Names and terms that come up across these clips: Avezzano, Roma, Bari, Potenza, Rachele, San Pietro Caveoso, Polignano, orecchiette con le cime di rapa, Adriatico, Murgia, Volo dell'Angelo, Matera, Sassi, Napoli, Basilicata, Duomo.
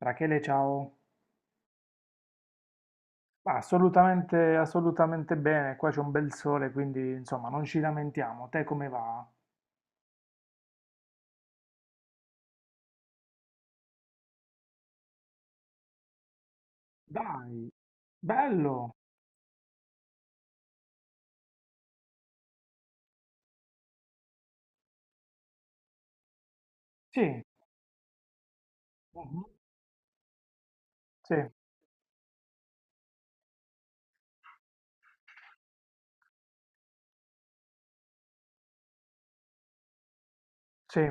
Rachele, ciao. Ma assolutamente, assolutamente bene, qua c'è un bel sole, quindi insomma non ci lamentiamo. Te come va? Dai, bello. Sì. Mhm. Sì, sì.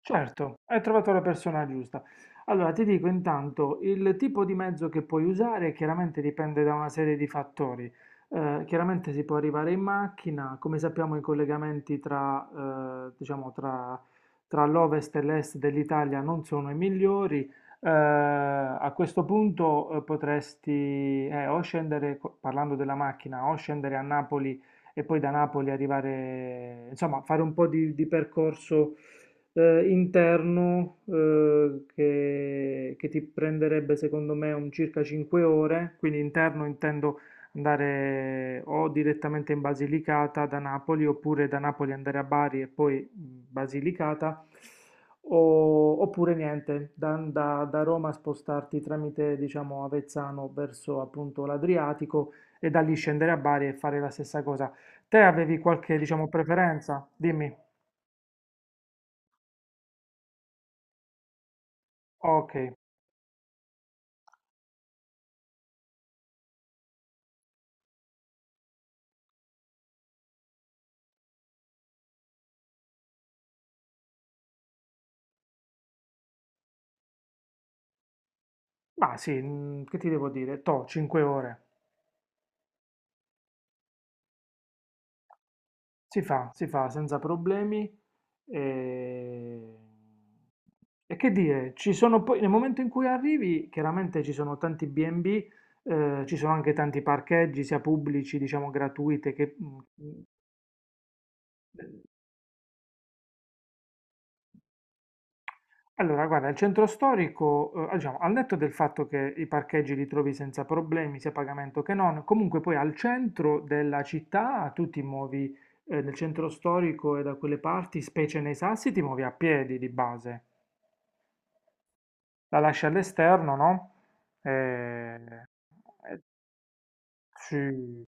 Certo, hai trovato la persona giusta. Allora, ti dico intanto, il tipo di mezzo che puoi usare chiaramente dipende da una serie di fattori. Chiaramente si può arrivare in macchina, come sappiamo i collegamenti tra, diciamo, tra l'ovest e l'est dell'Italia non sono i migliori. A questo punto potresti o scendere, parlando della macchina, o scendere a Napoli e poi da Napoli arrivare, insomma, fare un po' di percorso interno, che ti prenderebbe secondo me un circa 5 ore, quindi interno intendo andare o direttamente in Basilicata da Napoli, oppure da Napoli andare a Bari e poi Basilicata, oppure niente, da Roma spostarti tramite diciamo Avezzano verso appunto l'Adriatico e da lì scendere a Bari e fare la stessa cosa. Te avevi qualche diciamo preferenza? Dimmi. Ok. Ma sì, che ti devo dire? Toh, 5 ore. Si fa senza problemi. E... e che dire, ci sono poi, nel momento in cui arrivi, chiaramente ci sono tanti B&B, ci sono anche tanti parcheggi, sia pubblici, diciamo gratuite, mm, allora, guarda, il centro storico, diciamo, al netto del fatto che i parcheggi li trovi senza problemi, sia a pagamento che non, comunque poi al centro della città tu ti muovi, nel centro storico e da quelle parti, specie nei Sassi, ti muovi a piedi di base. La lasci all'esterno, no? Eh, eh, sì.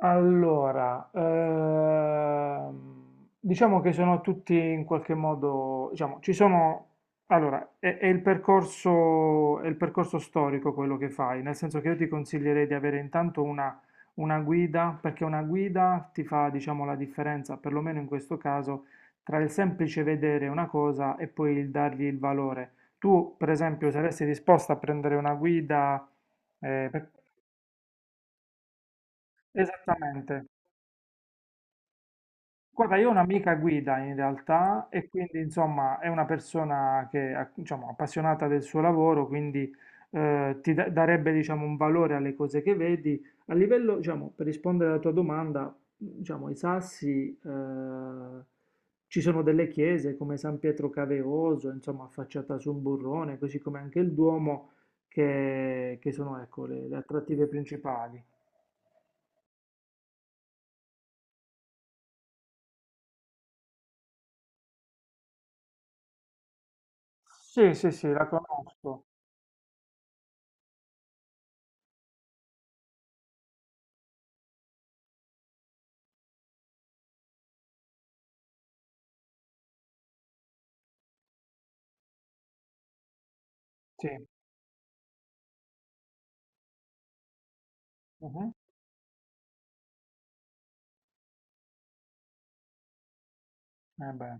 Allora, diciamo che sono tutti in qualche modo, diciamo, ci sono, allora, è il percorso storico quello che fai, nel senso che io ti consiglierei di avere intanto una guida, perché una guida ti fa, diciamo, la differenza, perlomeno in questo caso, tra il semplice vedere una cosa e poi il dargli il valore. Tu, per esempio, saresti disposta a prendere una guida, eh, per- esattamente. Guarda, io ho un'amica guida in realtà e quindi insomma è una persona che è diciamo, appassionata del suo lavoro, quindi ti darebbe diciamo, un valore alle cose che vedi. A livello, diciamo, per rispondere alla tua domanda, diciamo, i Sassi, ci sono delle chiese come San Pietro Caveoso, insomma, affacciata su un burrone, così come anche il Duomo, che sono ecco, le attrattive principali. Sì, sì, sì, la conosco. Sì. Mhm. Eh beh.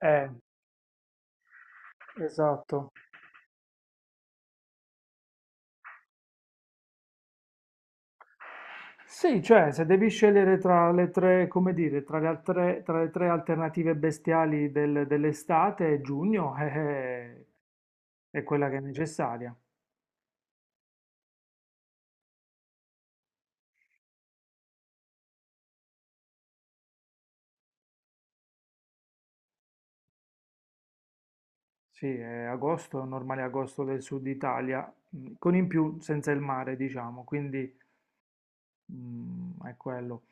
Eh, esatto. Sì, cioè, se devi scegliere tra le tre, come dire, tra le altre, tra le tre alternative bestiali dell'estate, giugno è quella che è necessaria. Sì, è agosto, normale agosto del sud Italia, con in più senza il mare, diciamo, quindi è quello.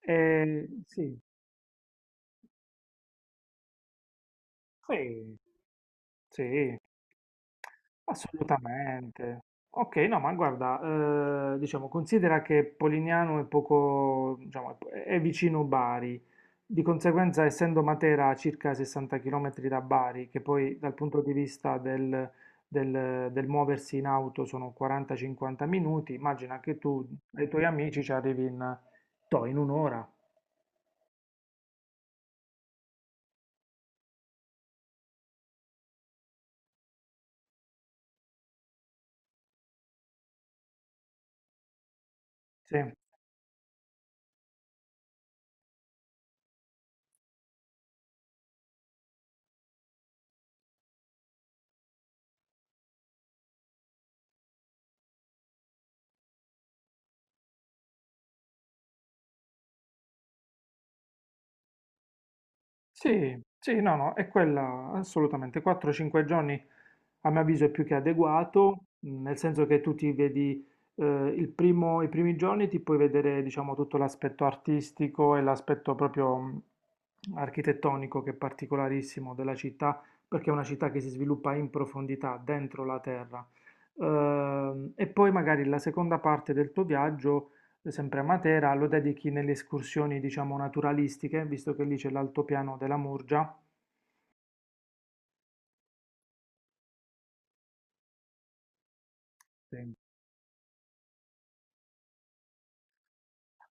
Sì, sì, sì. Assolutamente. Okay, no, ma guarda, diciamo considera che Polignano è poco diciamo è vicino Bari, di conseguenza essendo Matera a circa 60 chilometri da Bari, che poi dal punto di vista del muoversi in auto sono 40, 50 minuti, immagina che tu ai tuoi amici ci arrivi in toh, in 1 ora. Sì. Sì, sì, no, no, è quella assolutamente. 4-5 giorni a mio avviso è più che adeguato, nel senso che tu ti vedi, i primi giorni ti puoi vedere, diciamo, tutto l'aspetto artistico e l'aspetto proprio, architettonico che è particolarissimo della città, perché è una città che si sviluppa in profondità, dentro la terra. E poi magari la seconda parte del tuo viaggio sempre a Matera, lo dedichi nelle escursioni, diciamo, naturalistiche, visto che lì c'è l'altopiano della Murgia. Sì.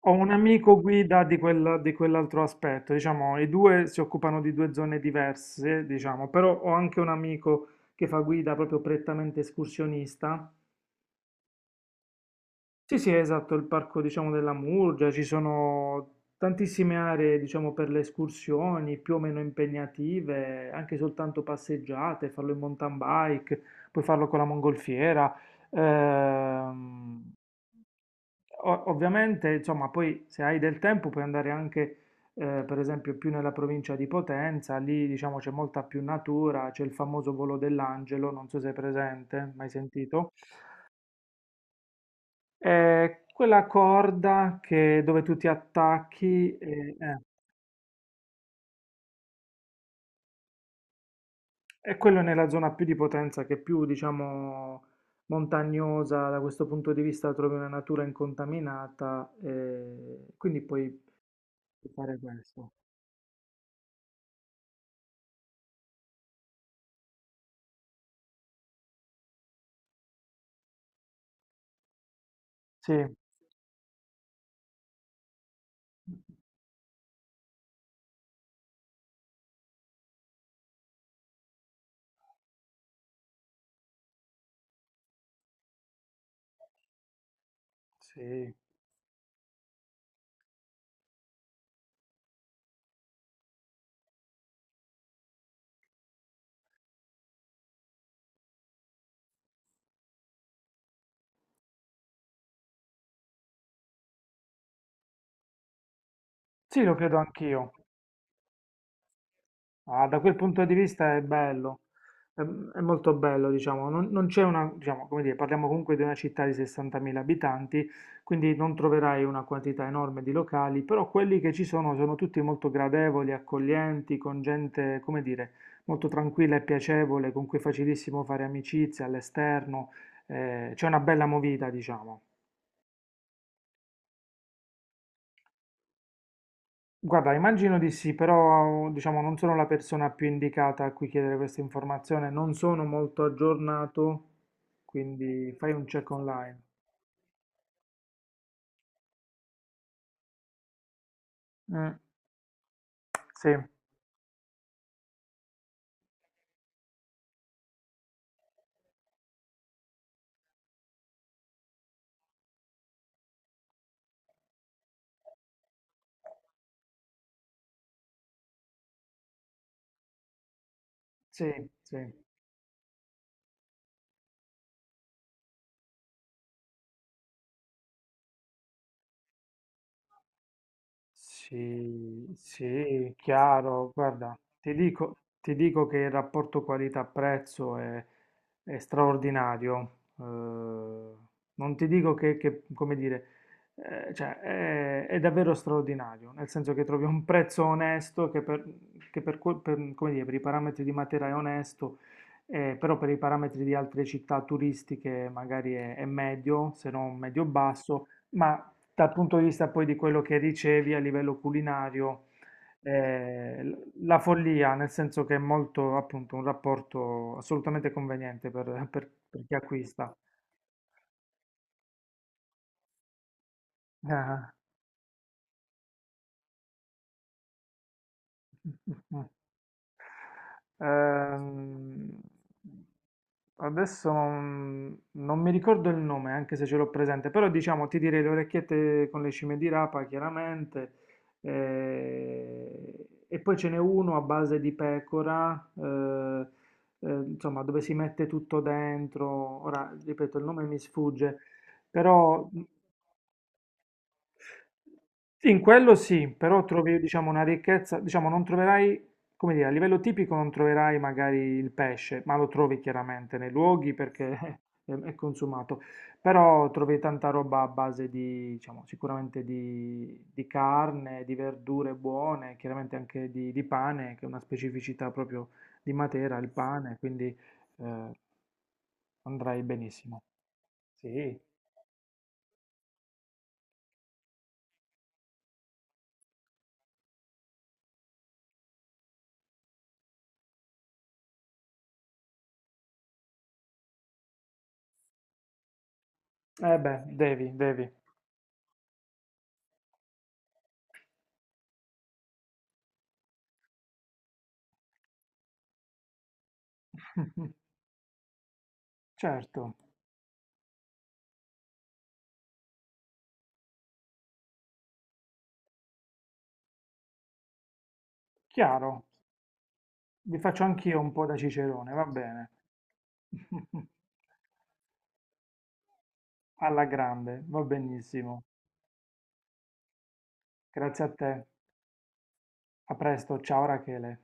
Ho un amico guida di quell'altro aspetto, diciamo, i due si occupano di due zone diverse, diciamo, però ho anche un amico che fa guida proprio prettamente escursionista. Sì, sì, esatto, il parco, diciamo, della Murgia, ci sono tantissime aree, diciamo, per le escursioni, più o meno impegnative, anche soltanto passeggiate, farlo in mountain bike, puoi farlo con la mongolfiera. Ehm, Ovviamente, insomma, poi se hai del tempo puoi andare anche, per esempio, più nella provincia di Potenza, lì, diciamo, c'è molta più natura, c'è il famoso Volo dell'Angelo, non so se è presente, mai sentito? È quella corda dove tu ti attacchi, è quello nella zona più di Potenza, che è più, diciamo, montagnosa, da questo punto di vista trovi una natura incontaminata, e quindi puoi fare questo. Sì, sì, sì, lo credo anch'io. Ah, da quel punto di vista è bello, è molto bello, diciamo, non c'è una, diciamo, come dire, parliamo comunque di una città di 60.000 abitanti, quindi non troverai una quantità enorme di locali, però quelli che ci sono sono tutti molto gradevoli, accoglienti, con gente, come dire, molto tranquilla e piacevole, con cui è facilissimo fare amicizia all'esterno. C'è una bella movida, diciamo. Guarda, immagino di sì, però diciamo non sono la persona più indicata a cui chiedere questa informazione, non sono molto aggiornato, quindi fai un check online. Mm, sì, sì, sì. Sì, sì, chiaro. Guarda, ti dico che il rapporto qualità-prezzo è straordinario. Non ti dico che, come dire, cioè, è davvero straordinario, nel senso che trovi un prezzo onesto che per come dire, per i parametri di Matera è onesto, però per i parametri di altre città turistiche magari è medio, se non medio-basso. Ma dal punto di vista poi di quello che dicevi a livello culinario, la follia, nel senso che è molto appunto un rapporto assolutamente conveniente per chi acquista. Ah. Ehm, adesso non mi ricordo il nome, anche se ce l'ho presente, però diciamo ti direi le orecchiette con le cime di rapa, chiaramente. E poi ce n'è uno a base di pecora, insomma, dove si mette tutto dentro. Ora, ripeto, il nome mi sfugge, però sì, in quello sì, però trovi, diciamo, una ricchezza, diciamo, non troverai, come dire, a livello tipico non troverai magari il pesce, ma lo trovi chiaramente nei luoghi perché è consumato, però trovi tanta roba a base di, diciamo, sicuramente di carne, di verdure buone, chiaramente anche di pane, che è una specificità proprio di Matera, il pane, quindi eh, andrai benissimo. Sì. Eh beh, devi, devi, certo, chiaro. Vi faccio anch'io un po' da cicerone, va bene. Alla grande, va benissimo. Grazie a te. A presto, ciao Rachele.